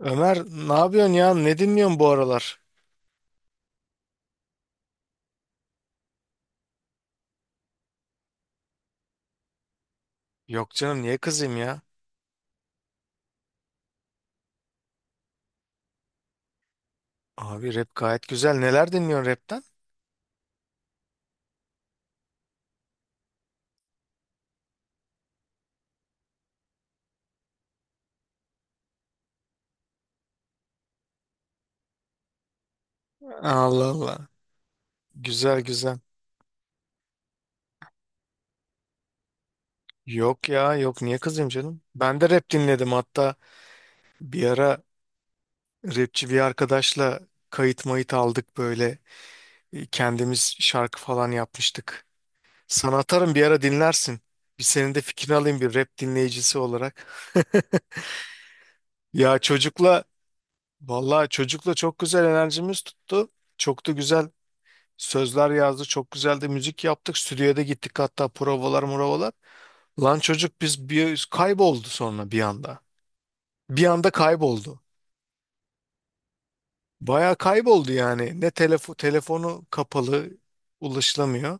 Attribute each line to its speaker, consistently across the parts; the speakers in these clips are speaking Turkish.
Speaker 1: Ömer, ne yapıyorsun ya? Ne dinliyorsun bu aralar? Yok canım, niye kızayım ya? Abi rap gayet güzel. Neler dinliyorsun rapten? Allah Allah. Güzel güzel. Yok ya, yok, niye kızayım canım? Ben de rap dinledim hatta bir ara, rapçi bir arkadaşla kayıt mayıt aldık böyle. Kendimiz şarkı falan yapmıştık. Sana atarım bir ara dinlersin. Bir senin de fikrini alayım bir rap dinleyicisi olarak. Ya çocukla, vallahi çocukla çok güzel enerjimiz tuttu. Çok da güzel sözler yazdı, çok güzeldi, müzik yaptık, stüdyoya da gittik hatta, provalar muravalar. Lan çocuk biz bir kayboldu sonra bir anda. Bir anda kayboldu. Baya kayboldu yani. Ne telefon, telefonu kapalı, ulaşılamıyor.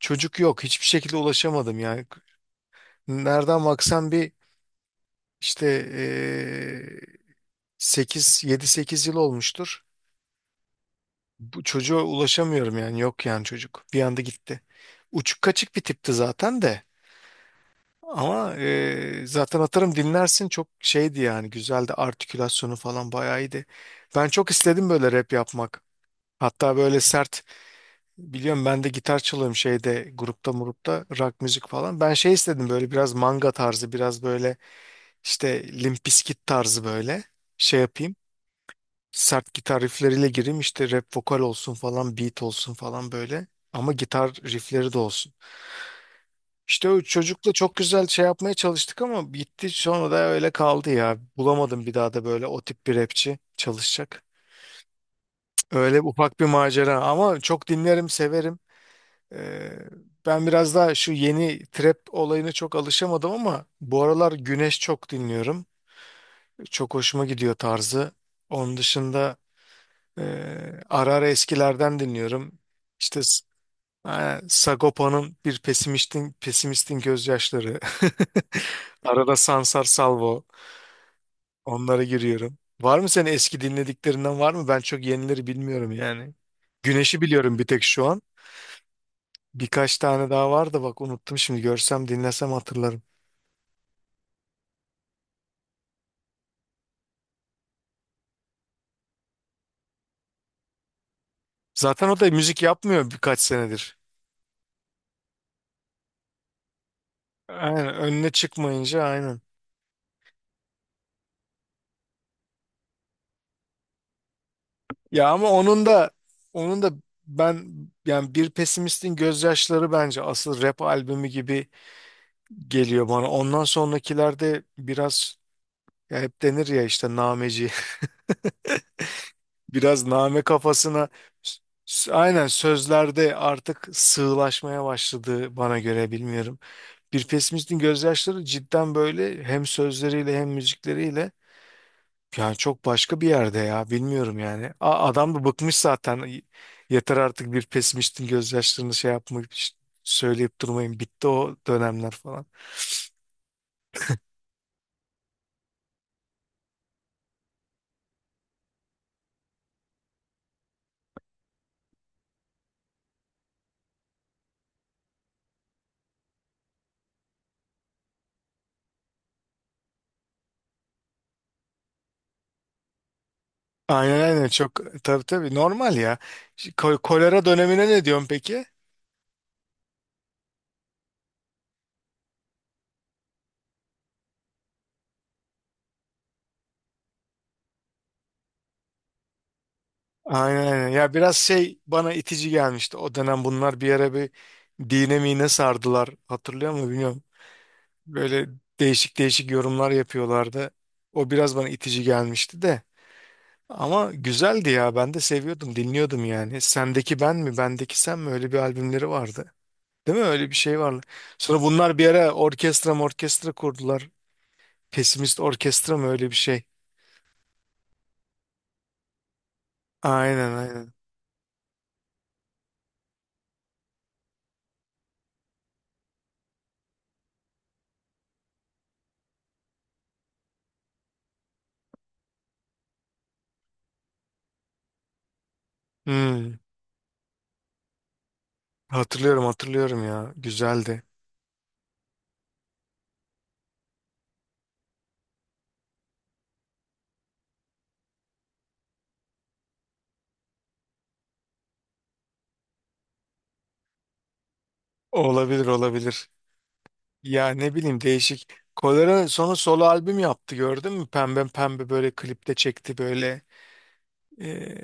Speaker 1: Çocuk yok. Hiçbir şekilde ulaşamadım yani. Nereden baksan bir işte eee 8 7-8 yıl olmuştur. Bu çocuğa ulaşamıyorum yani, yok yani çocuk. Bir anda gitti. Uçuk kaçık bir tipti zaten de. Ama zaten atarım dinlersin, çok şeydi yani, güzeldi, artikülasyonu falan bayağı iyiydi. Ben çok istedim böyle rap yapmak. Hatta böyle sert, biliyorum ben de gitar çalıyorum şeyde, grupta murupta, rock müzik falan. Ben şey istedim, böyle biraz manga tarzı, biraz böyle işte Limp Bizkit tarzı böyle şey yapayım. Sert gitar riffleriyle gireyim, işte rap vokal olsun falan, beat olsun falan böyle. Ama gitar riffleri de olsun. İşte o çocukla çok güzel şey yapmaya çalıştık ama bitti, sonra da öyle kaldı ya. Bulamadım bir daha da böyle o tip bir rapçi çalışacak. Öyle ufak bir macera ama çok dinlerim, severim. Ee, Ben biraz daha şu yeni trap olayına çok alışamadım ama bu aralar Güneş çok dinliyorum. Çok hoşuma gidiyor tarzı. Onun dışında e, ara ara eskilerden dinliyorum. İşte ha, Sagopa'nın Bir Pesimistin Gözyaşları. Arada Sansar Salvo. Onlara giriyorum. Var mı senin eski dinlediklerinden, var mı? Ben çok yenileri bilmiyorum yani. Güneş'i biliyorum bir tek şu an. Birkaç tane daha var da bak, unuttum şimdi. Görsem dinlesem hatırlarım. Zaten o da müzik yapmıyor birkaç senedir. Aynen, önüne çıkmayınca aynen. Ya ama onun da ben, yani Bir Pesimistin Gözyaşları bence asıl rap albümü gibi geliyor bana. Ondan sonrakilerde biraz, ya hep denir ya işte, nameci. Biraz name kafasına, s- aynen sözlerde artık sığlaşmaya başladı bana göre, bilmiyorum. Bir Pesimistin Gözyaşları cidden böyle, hem sözleriyle hem müzikleriyle yani çok başka bir yerde ya, bilmiyorum yani. Adam da bıkmış zaten. Yeter artık Bir Pesimistin Gözyaşlarını şey yapmak, söyleyip durmayın. Bitti o dönemler falan. Aynen aynen, çok tabii tabii, normal ya. Kolera dönemine ne diyorsun peki? Aynen aynen ya, biraz şey bana itici gelmişti o dönem, bunlar bir ara bir dine mine sardılar, hatırlıyor musun bilmiyorum. Böyle değişik değişik yorumlar yapıyorlardı. O biraz bana itici gelmişti de, ama güzeldi ya, ben de seviyordum, dinliyordum yani. Sendeki Ben mi Bendeki Sen mi, öyle bir albümleri vardı. Değil mi, öyle bir şey vardı. Sonra bunlar bir ara orkestra, orkestra kurdular. Pesimist Orkestra mı, öyle bir şey. Aynen aynen. Hmm, hatırlıyorum hatırlıyorum ya. Güzeldi. Olabilir olabilir. Ya ne bileyim, değişik. Kolera sonra solo albüm yaptı, gördün mü? Pembe pembe böyle klipte çekti böyle. Ee,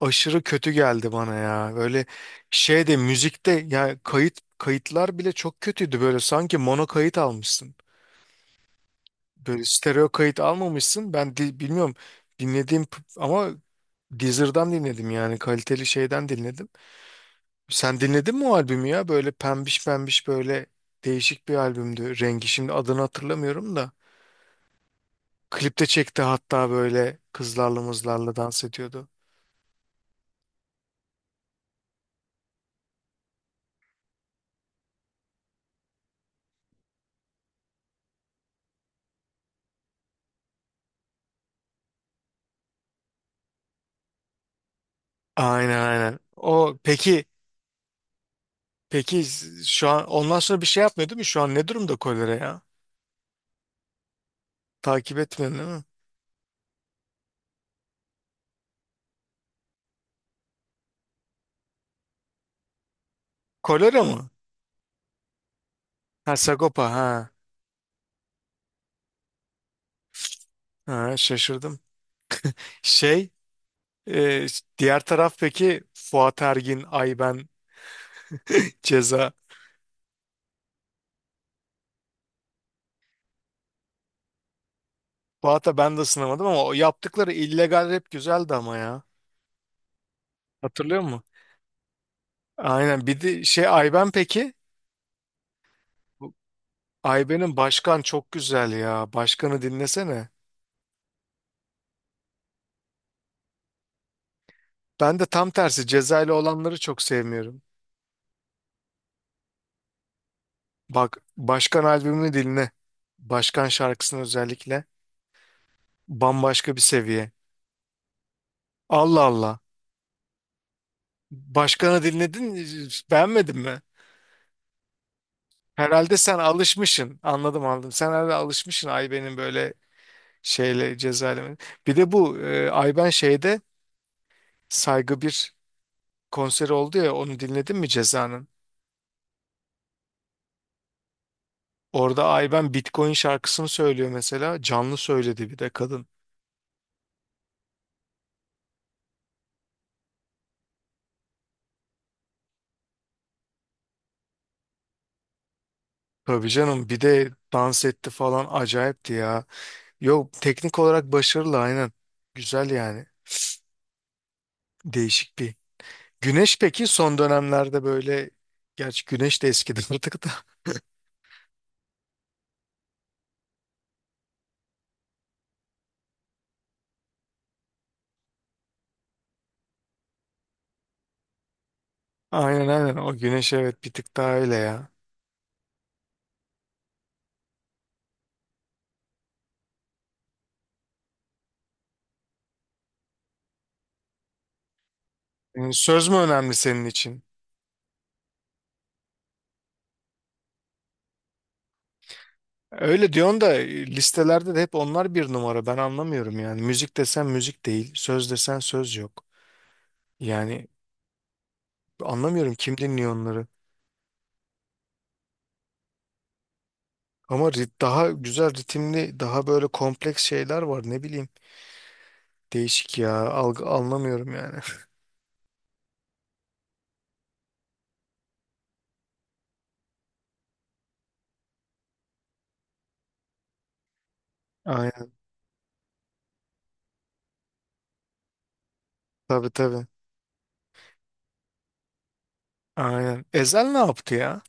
Speaker 1: aşırı kötü geldi bana ya. Böyle şeyde, müzikte ya, kayıt, kayıtlar bile çok kötüydü böyle. Sanki mono kayıt almışsın. Böyle stereo kayıt almamışsın. Bilmiyorum, ama Deezer'dan dinledim yani, kaliteli şeyden dinledim. Sen dinledin mi o albümü ya? Böyle pembiş pembiş böyle, değişik bir albümdü rengi. Şimdi adını hatırlamıyorum da. Klipte çekti hatta, böyle kızlarla mızlarla dans ediyordu. Aynen aynen. O peki, peki şu an ondan sonra bir şey yapmıyor değil mi? Şu an ne durumda Kolera ya? Takip etmiyorsun değil mi? Kolera mı? Ha, Sagopa ha. Ha, şaşırdım. Şey, e, diğer taraf peki, Fuat Ergin, Ayben, Ceza. Fuat'a ben de sınamadım ama o yaptıkları illegal rap güzeldi ama ya. Hatırlıyor musun? Aynen, bir de şey, Ayben peki? Bu Ayben'in Başkan çok güzel ya. Başkanı dinlesene. Ben de tam tersi Cezayirli olanları çok sevmiyorum. Bak, Başkan albümünü dinle. Başkan şarkısını özellikle. Bambaşka bir seviye. Allah Allah. Başkanı dinledin, beğenmedin mi? Herhalde sen alışmışsın. Anladım anladım. Sen herhalde alışmışsın Ayben'in böyle şeyle, cezaevine. Bir de bu Ayben şeyde, Saygı, bir konseri oldu ya, onu dinledin mi Ceza'nın? Orada Ayben Bitcoin şarkısını söylüyor mesela. Canlı söyledi bir de kadın. Tabii canım, bir de dans etti falan, acayipti ya. Yok, teknik olarak başarılı aynen. Güzel yani. Değişik bir. Güneş peki son dönemlerde böyle, gerçi Güneş de eskidi artık da. Aynen aynen, o Güneş evet bir tık daha öyle ya. Yani söz mü önemli senin için? Öyle diyorsun da listelerde de hep onlar bir numara. Ben anlamıyorum yani. Müzik desen müzik değil, söz desen söz yok. Yani anlamıyorum kim dinliyor onları. Ama daha güzel ritimli, daha böyle kompleks şeyler var, ne bileyim. Değişik ya. Algı, anlamıyorum yani. Aynen, tabii tabii. Aynen. Ezel ne yaptı ya?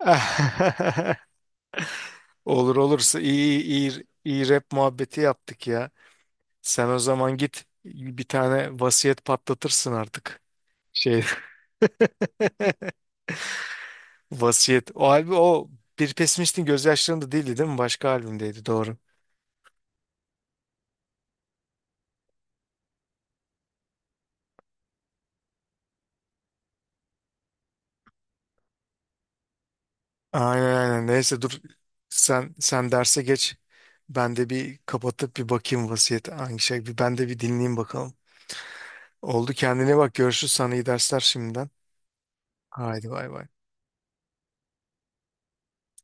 Speaker 1: Olur, olursa iyi iyi iyi iyi, rap muhabbeti yaptık ya. Sen o zaman git bir tane Vasiyet patlatırsın artık. Şey, Vasiyet. O albüm, o Bir Pesimistin Gözyaşlarında değildi değil mi? Başka albümdeydi, doğru. Aynen aynen. Neyse dur, sen derse geç. Ben de bir kapatıp bir bakayım Vasiyet hangi şey. Bir ben de bir dinleyeyim bakalım. Oldu, kendine bak, görüşürüz, sana iyi dersler şimdiden. Haydi bay bay.